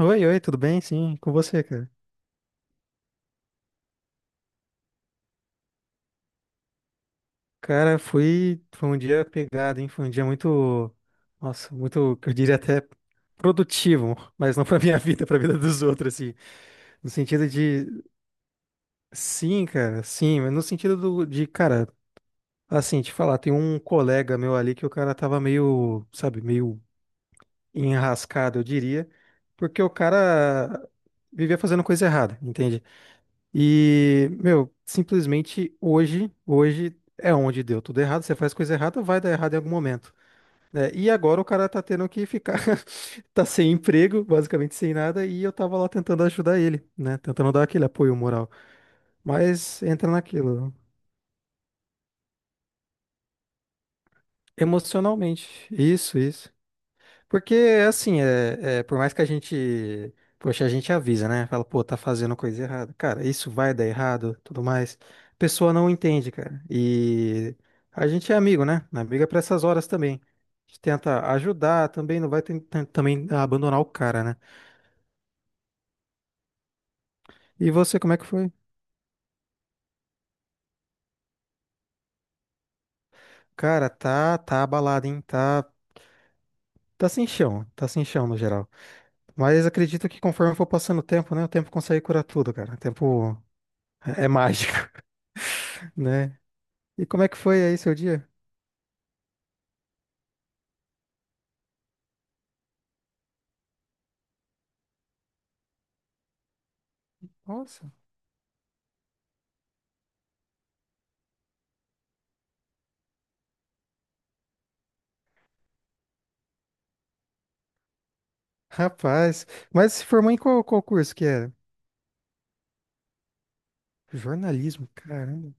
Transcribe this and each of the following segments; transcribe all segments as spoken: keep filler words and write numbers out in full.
Oi, oi, tudo bem? Sim, com você, cara. Cara, fui, foi um dia pegado, hein? Foi um dia muito, nossa, muito, eu diria até produtivo, mas não pra minha vida, pra vida dos outros, assim. No sentido de, sim, cara, sim, mas no sentido do, de, cara, assim, te falar, tem um colega meu ali que o cara tava meio, sabe, meio enrascado, eu diria, porque o cara vivia fazendo coisa errada, entende? E, meu, simplesmente hoje, hoje é onde deu tudo errado. Você faz coisa errada, vai dar errado em algum momento, né? E agora o cara tá tendo que ficar, tá sem emprego, basicamente sem nada, e eu tava lá tentando ajudar ele, né? Tentando dar aquele apoio moral. Mas entra naquilo, emocionalmente. Isso, isso. Porque, assim, é, é, por mais que a gente, poxa, a gente avisa, né? Fala, pô, tá fazendo coisa errada. Cara, isso vai dar errado, tudo mais. A pessoa não entende, cara. E a gente é amigo, né? Amigo é pra essas horas também. A gente tenta ajudar também, não vai tentar também abandonar o cara, né? E você, como é que foi? Cara, tá, tá abalado, hein? Tá, tá sem chão, tá sem chão no geral. Mas acredito que conforme for passando o tempo, né? O tempo consegue curar tudo, cara. O tempo é é mágico, né? E como é que foi aí seu dia? Nossa, rapaz. Mas se formou em qual qual curso que era? Jornalismo, caramba.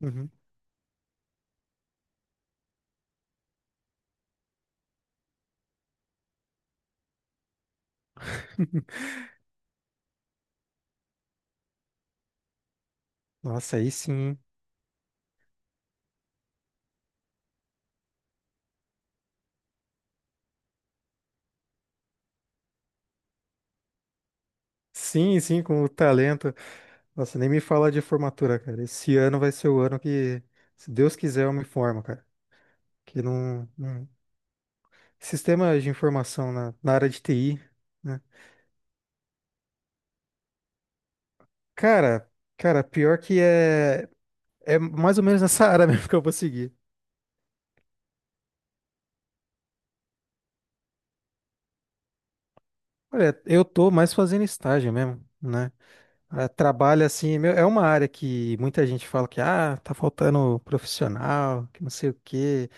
Uhum. Nossa, aí sim. Sim, sim, com o talento. Nossa, nem me fala de formatura, cara. Esse ano vai ser o ano que, se Deus quiser, eu me formo, cara. Que não, não- Sistema de informação na, na área de T I, né? Cara, Cara, pior que é, é mais ou menos nessa área mesmo que eu vou seguir. Olha, eu tô mais fazendo estágio mesmo, né? Ah, Trabalha assim, é meu, é uma área que muita gente fala que ah, tá faltando profissional, que não sei o quê.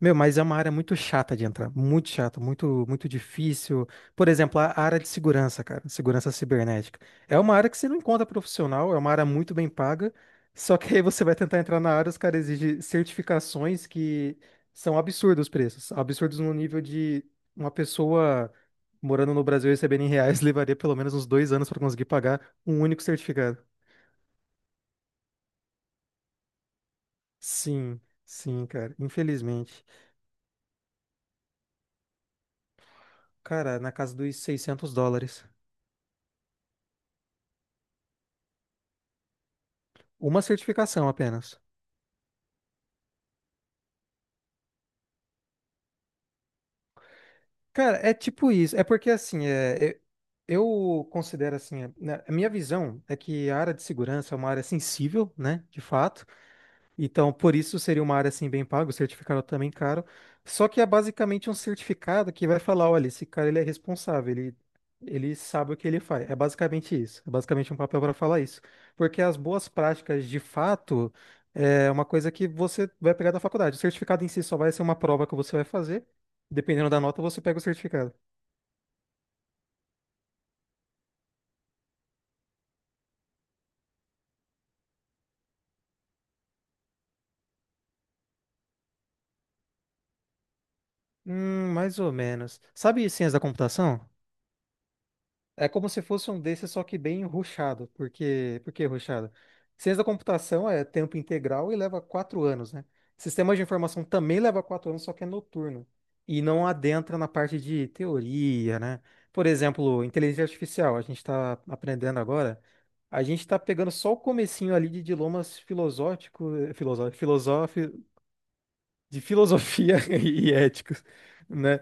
Meu, mas é uma área muito chata de entrar, muito chata, muito muito difícil. Por exemplo, a área de segurança, cara, segurança cibernética. É uma área que você não encontra profissional, é uma área muito bem paga, só que aí você vai tentar entrar na área, os caras exigem certificações que são absurdos os preços, absurdos no nível de uma pessoa morando no Brasil e recebendo em reais levaria pelo menos uns dois anos para conseguir pagar um único certificado. Sim, sim, cara, infelizmente. Cara, na casa dos seiscentos dólares. Uma certificação apenas. Cara, é tipo isso. É porque assim, é, eu, eu considero assim, é, né, a minha visão é que a área de segurança é uma área sensível, né? De fato. Então, por isso seria uma área assim bem paga, o certificado também caro. Só que é basicamente um certificado que vai falar, olha, esse cara ele é responsável, ele, ele sabe o que ele faz. É basicamente isso. É basicamente um papel para falar isso. Porque as boas práticas, de fato, é uma coisa que você vai pegar da faculdade. O certificado em si só vai ser uma prova que você vai fazer. Dependendo da nota, você pega o certificado. Hum, mais ou menos. Sabe ciência da computação? É como se fosse um desses, só que bem rushado. Porque, por que rushado? Ciência da computação é tempo integral e leva quatro anos, né? Sistemas de informação também leva quatro anos, só que é noturno. E não adentra na parte de teoria, né? Por exemplo, inteligência artificial, a gente está aprendendo agora. A gente está pegando só o comecinho ali de dilemas filosóficos, filosóficos, de filosofia e éticos, né?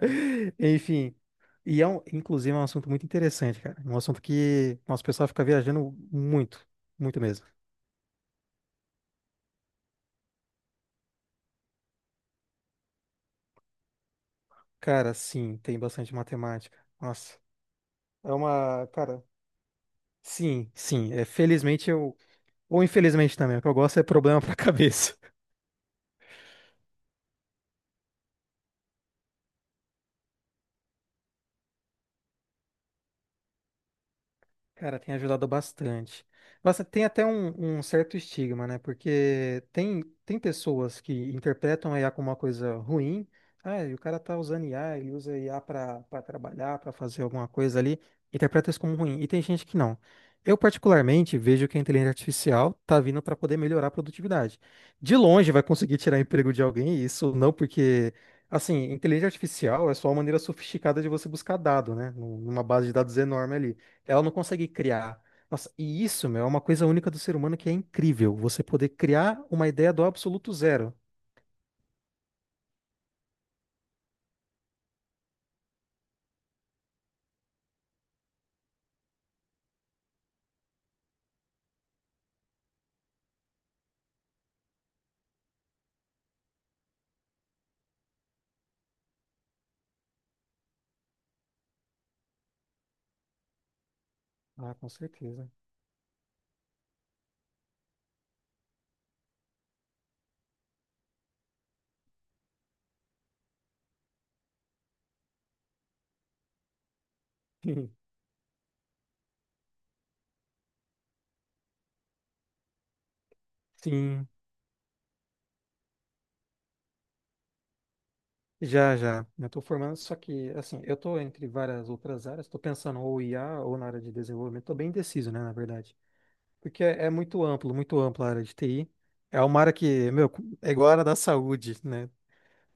Enfim, e é um, inclusive é um assunto muito interessante, cara. É Um assunto que nosso pessoal fica viajando muito, muito mesmo. Cara, sim, tem bastante matemática. Nossa, é uma, cara, sim, sim, é felizmente eu ou infelizmente também, o que eu gosto é problema pra cabeça. Cara, tem ajudado bastante. Nossa, tem até um, um certo estigma, né? Porque tem, tem pessoas que interpretam a I A como uma coisa ruim. Ah, e o cara tá usando I A, ele usa I A para trabalhar, para fazer alguma coisa ali. Interpreta isso como ruim. E tem gente que não. Eu, particularmente, vejo que a inteligência artificial tá vindo para poder melhorar a produtividade. De longe, vai conseguir tirar emprego de alguém, isso não porque. Assim, inteligência artificial é só uma maneira sofisticada de você buscar dado, né? Num- Numa base de dados enorme ali. Ela não consegue criar. Nossa, e isso, meu, é uma coisa única do ser humano que é incrível. Você poder criar uma ideia do absoluto zero. Ah, com certeza. Sim, já, já. Eu tô formando, só que, assim, eu tô entre várias outras áreas. Tô pensando ou I A ou na área de desenvolvimento. Tô bem indeciso, né, na verdade. Porque é, é muito amplo, muito ampla a área de T I. É uma área que, meu, é igual a área da saúde, né?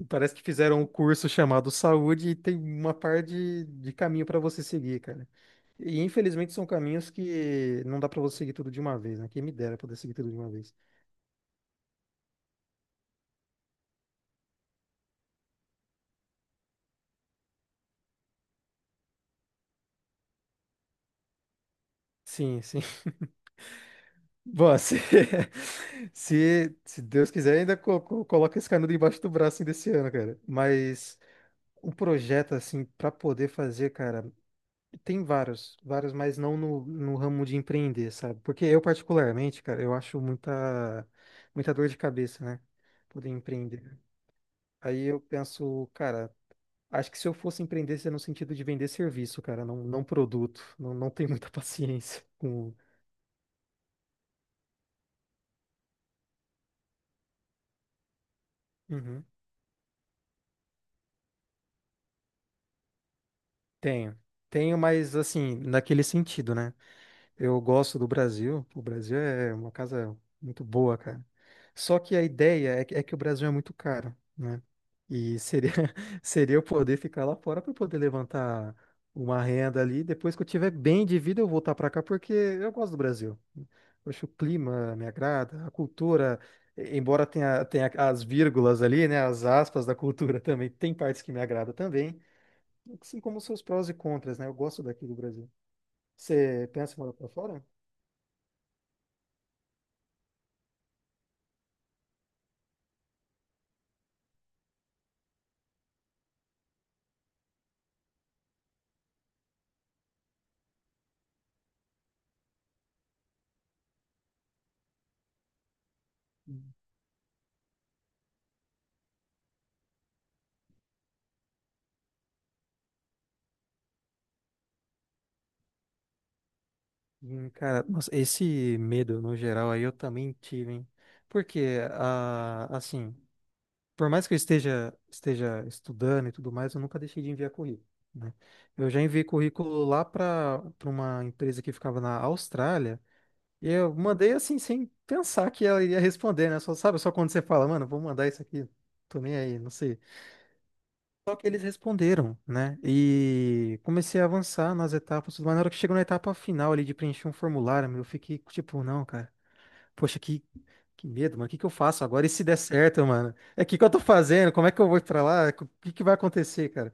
Parece que fizeram um curso chamado Saúde e tem uma par de, de caminho para você seguir, cara. E infelizmente são caminhos que não dá para você seguir tudo de uma vez, né? Quem me dera poder seguir tudo de uma vez. Sim, sim. Bom, se, se, se Deus quiser, ainda co- co- coloca esse canudo embaixo do braço ainda esse ano, cara. Mas um projeto assim para poder fazer, cara. Tem vários, vários, mas não no, no ramo de empreender, sabe? Porque eu, particularmente, cara, eu acho muita, muita dor de cabeça, né? Poder empreender. Aí eu penso, cara, acho que se eu fosse empreender, seria no sentido de vender serviço, cara, não, não produto. Não, não tenho muita paciência com. Uhum. Tenho. Tenho, mas assim, naquele sentido, né? Eu gosto do Brasil. O Brasil é uma casa muito boa, cara. Só que a ideia é que, é que o Brasil é muito caro, né? E seria, seria eu poder ficar lá fora para poder levantar uma renda ali. Depois que eu tiver bem de vida, eu voltar para cá porque eu gosto do Brasil. Eu acho o clima me agrada, a cultura, e- embora tenha, tenha as vírgulas ali, né? As aspas da cultura também, tem partes que me agrada também, assim como seus prós e contras, né? Eu gosto daqui do Brasil. Você pensa em morar para fora? Hum, Cara, nossa, esse medo no geral aí eu também tive, hein? Porque, ah, assim, por mais que eu esteja, esteja estudando e tudo mais, eu nunca deixei de enviar currículo, né? Eu já enviei currículo lá para para uma empresa que ficava na Austrália e eu mandei assim, sem pensar que ela iria responder, né? Só, sabe, só quando você fala, mano, vou mandar isso aqui, tô nem aí, não sei. Só que eles responderam, né? E comecei a avançar nas etapas, mas na hora que chegou na etapa final ali de preencher um formulário, meu, eu fiquei tipo, não, cara, poxa, que, que medo, mano, o que que eu faço agora? E se der certo, mano? É o que que eu tô fazendo? Como é que eu vou pra lá? O que que vai acontecer, cara?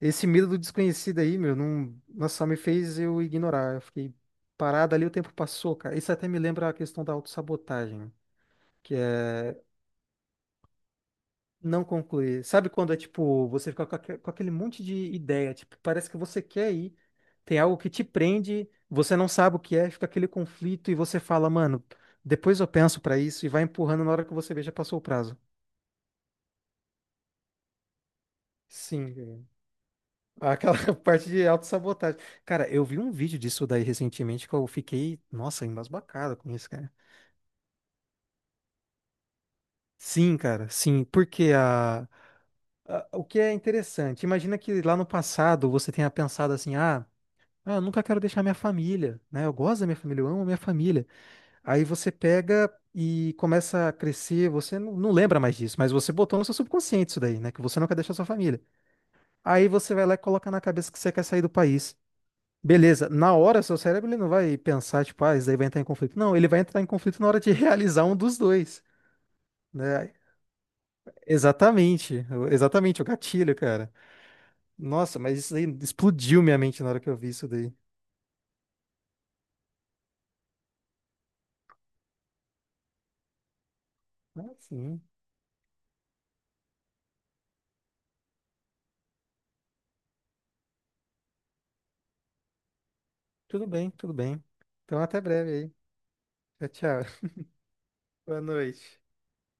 Esse medo do desconhecido aí, meu, não, nossa, só me fez eu ignorar. Eu fiquei parado ali, o tempo passou, cara. Isso até me lembra a questão da autossabotagem, que é Não concluir. Sabe quando é tipo, você fica com aque- com aquele monte de ideia, tipo, parece que você quer ir, tem algo que te prende, você não sabe o que é, fica aquele conflito e você fala, mano, depois eu penso pra isso e vai empurrando na hora que você vê já passou o prazo. Sim, velho. aquela parte de autossabotagem. Cara, eu vi um vídeo disso daí recentemente que eu fiquei, nossa, embasbacado com isso, cara. Sim, cara, sim, porque a, a- o que é interessante, imagina que lá no passado você tenha pensado assim, ah. Ah, eu nunca quero deixar minha família, né? Eu gosto da minha família, eu amo a minha família. Aí você pega e começa a crescer, você não, não lembra mais disso, mas você botou no seu subconsciente isso daí, né? Que você não quer deixar sua família. Aí você vai lá e coloca na cabeça que você quer sair do país. Beleza, na hora seu cérebro ele não vai pensar, tipo, ah, isso daí vai entrar em conflito. Não, ele vai entrar em conflito na hora de realizar um dos dois, né? Exatamente, o- exatamente, o gatilho, cara. Nossa, mas isso aí explodiu minha mente na hora que eu vi isso daí. Ah, sim. Tudo bem, tudo bem. Então, até breve aí. Tchau, tchau. Boa noite.